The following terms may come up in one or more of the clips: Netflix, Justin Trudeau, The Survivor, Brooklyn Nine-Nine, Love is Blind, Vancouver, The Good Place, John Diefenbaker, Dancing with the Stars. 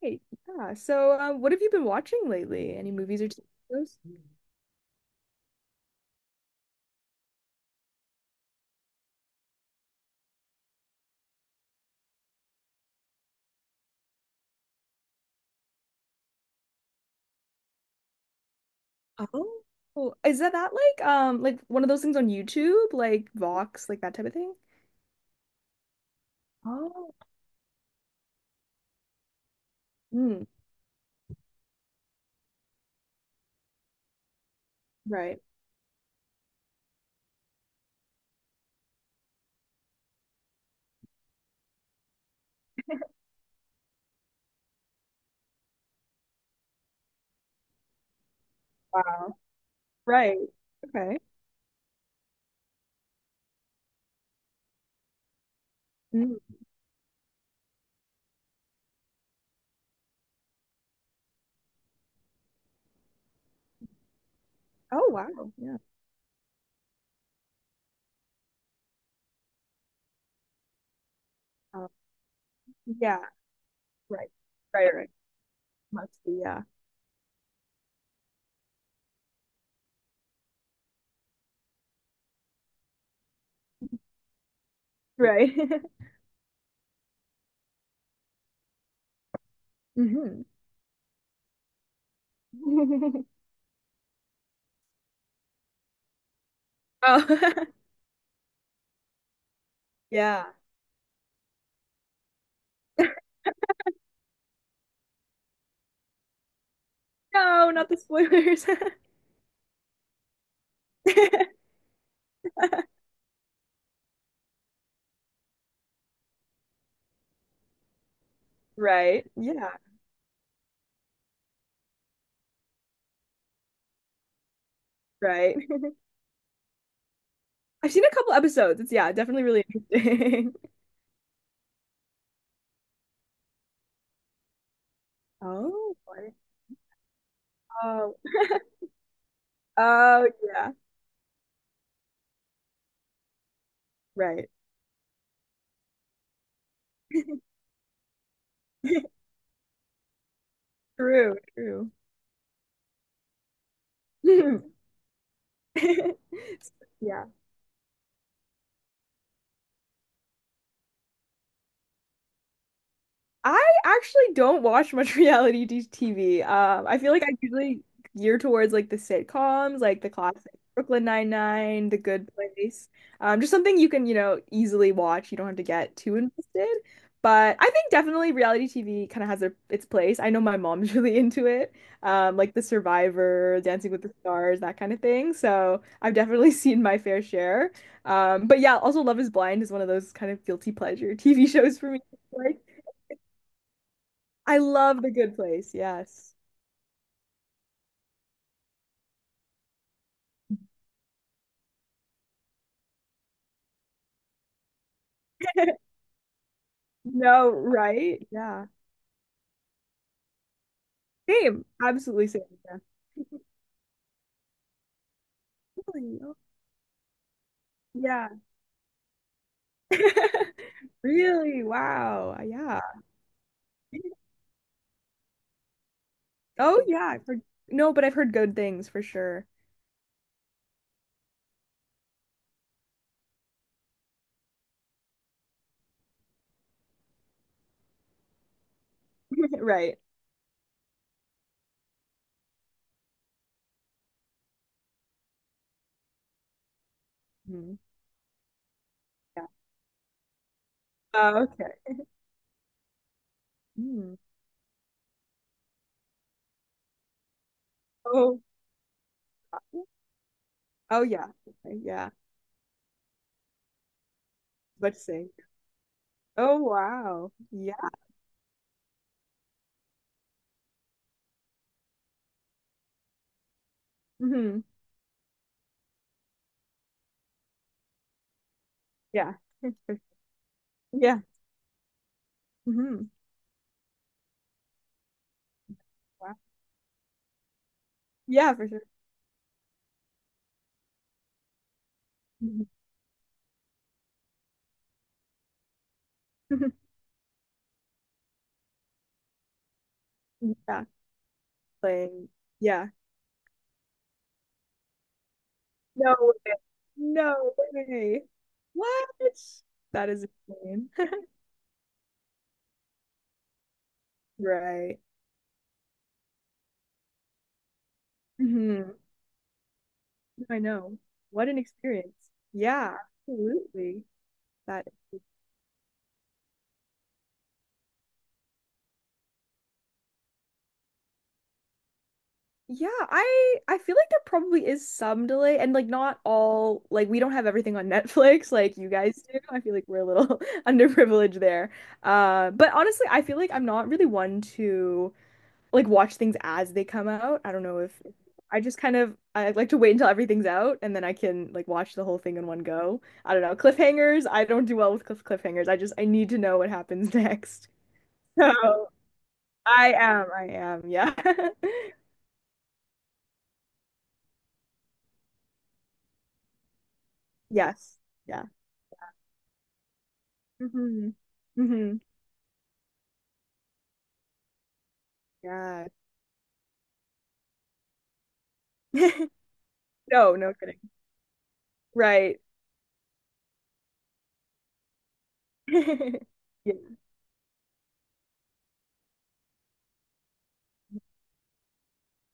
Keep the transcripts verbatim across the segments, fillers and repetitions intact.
Great. Yeah. So, um, what have you been watching lately? Any movies or T V shows? Oh, cool. Is that that like um like one of those things on YouTube, like Vox, like that type of thing? Oh. Mm, right. Wow. Right. Okay. Mm. Oh, wow. Yeah. Um, yeah. Right. Right. Right. Must be. Yeah. Right. hmm Oh, yeah. No, not the spoilers. Right. Yeah. Right. I've seen a couple episodes. It's yeah, definitely really interesting. Oh, boy. Oh, oh yeah, right. True, true. Yeah. I actually don't watch much reality t- TV. Um, I feel like I usually gear towards like the sitcoms, like the classic Brooklyn Nine-Nine, The Good Place. Um, just something you can, you know, easily watch. You don't have to get too invested. But I think definitely reality T V kind of has their, its place. I know my mom's really into it, um, like The Survivor, Dancing with the Stars, that kind of thing. So I've definitely seen my fair share. Um, but yeah, also Love is Blind is one of those kind of guilty pleasure T V shows for me. Like, I love The Good Place. Yes. No, right? Yeah. Same. Absolutely same. Yeah. Really? Oh, yeah. Really? Wow. Yeah. Oh, yeah. I've heard... No, but I've heard good things for sure. Right. Mhm. Yeah. Oh, okay. Mm. Oh, oh yeah. Okay, yeah. What to say? Oh, wow. Yeah. hmm Yeah. Yeah. hmm Wow. Yeah, for sure. Mhm. Yeah. Playing. Yeah. No way. No way. What? That is insane. Right. hmm I know. What an experience. Yeah, absolutely. That yeah, I I feel like there probably is some delay and like not all like we don't have everything on Netflix like you guys do. I feel like we're a little underprivileged there. Uh, but honestly, I feel like I'm not really one to like watch things as they come out. I don't know if I just kind of I like to wait until everything's out and then I can like watch the whole thing in one go. I don't know. Cliffhangers, I don't do well with cliff cliffhangers. I just I need to know what happens next. So I am, I am, yeah. Yes. Yeah. hmm hmm Yeah. No, no kidding. Right. Yeah.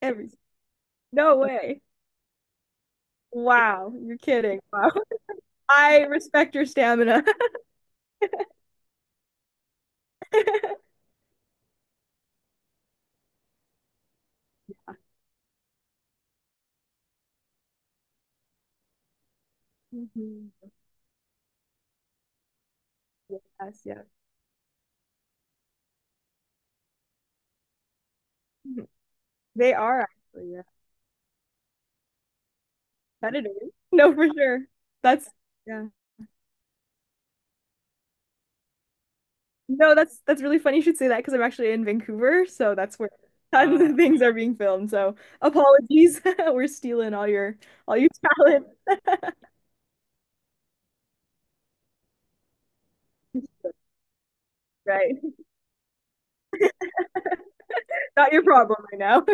Every no way. Wow, you're kidding. Wow. I respect your stamina. Mhm. Yes, yeah. Mhm. They are actually, yeah. Competitors. No, for sure. That's yeah. No, that's that's really funny you should say that because I'm actually in Vancouver, so that's where tons of things are being filmed. So apologies. We're stealing all your all your talent. Right. Not your problem right now.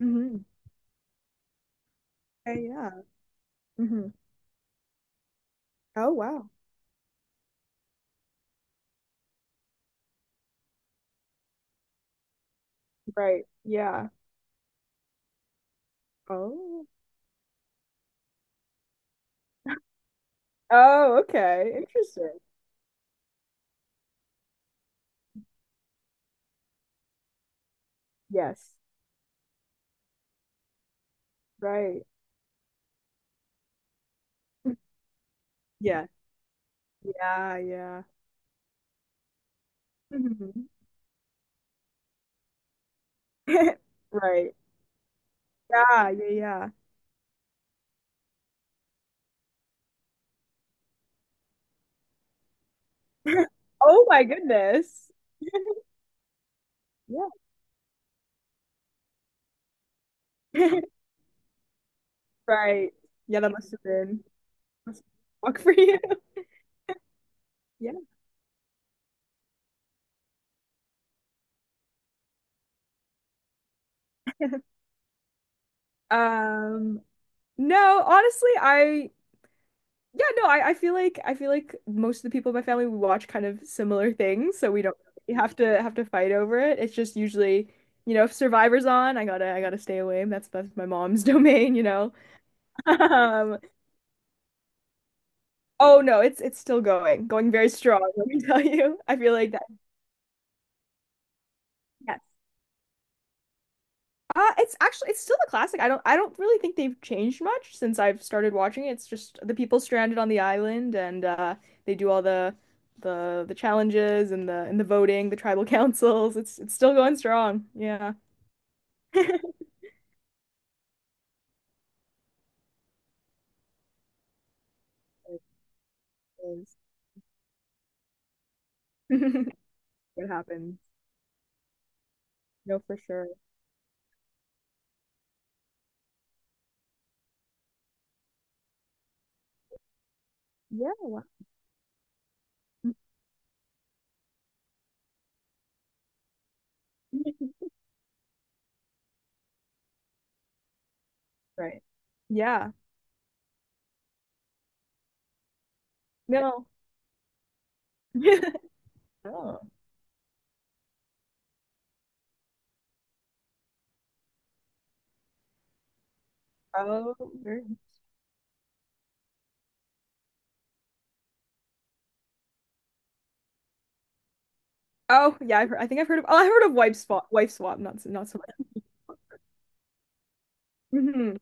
hmm yeah. hmm Oh wow. Right. Yeah. Oh. Oh, okay. Interesting. Yes. Right. Yeah. Yeah, yeah. Mhm. Right. Yeah, yeah, yeah. Oh my goodness. Yeah. Right. Yeah, that must have been must have been a shock for you. Yeah. Um, no, honestly, I yeah, no, I, I feel like I feel like most of the people in my family we watch kind of similar things, so we don't really have to have to fight over it. It's just usually, you know, if Survivor's on, I gotta I gotta stay away. That's that's my mom's domain, you know. Um, oh no, it's it's still going, going very strong, let me tell you. I feel like that. Uh, it's actually it's still a classic. I don't I don't really think they've changed much since I've started watching it. It's just the people stranded on the island and uh they do all the the the challenges and the and the voting, the tribal councils. It's it's still going strong. Yeah. It is. It happens. No, for sure. Yeah. Wow. Right. Yeah. No. Oh. Oh, very. Oh, yeah, I've heard, I think I've heard of oh, I heard of wife swap, wife swap, not so- not so much. Hmm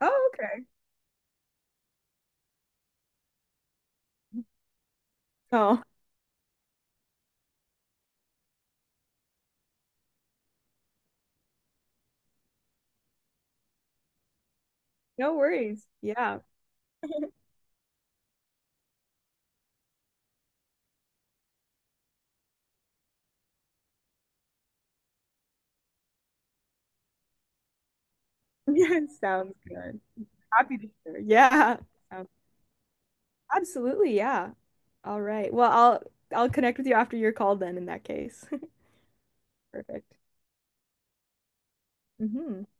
Oh, okay. Oh. No worries. Yeah. Yeah. Sounds good. Happy to share. Yeah. Um, Absolutely. Yeah. All right. Well, I'll I'll connect with you after your call then in that case. Perfect. Hmm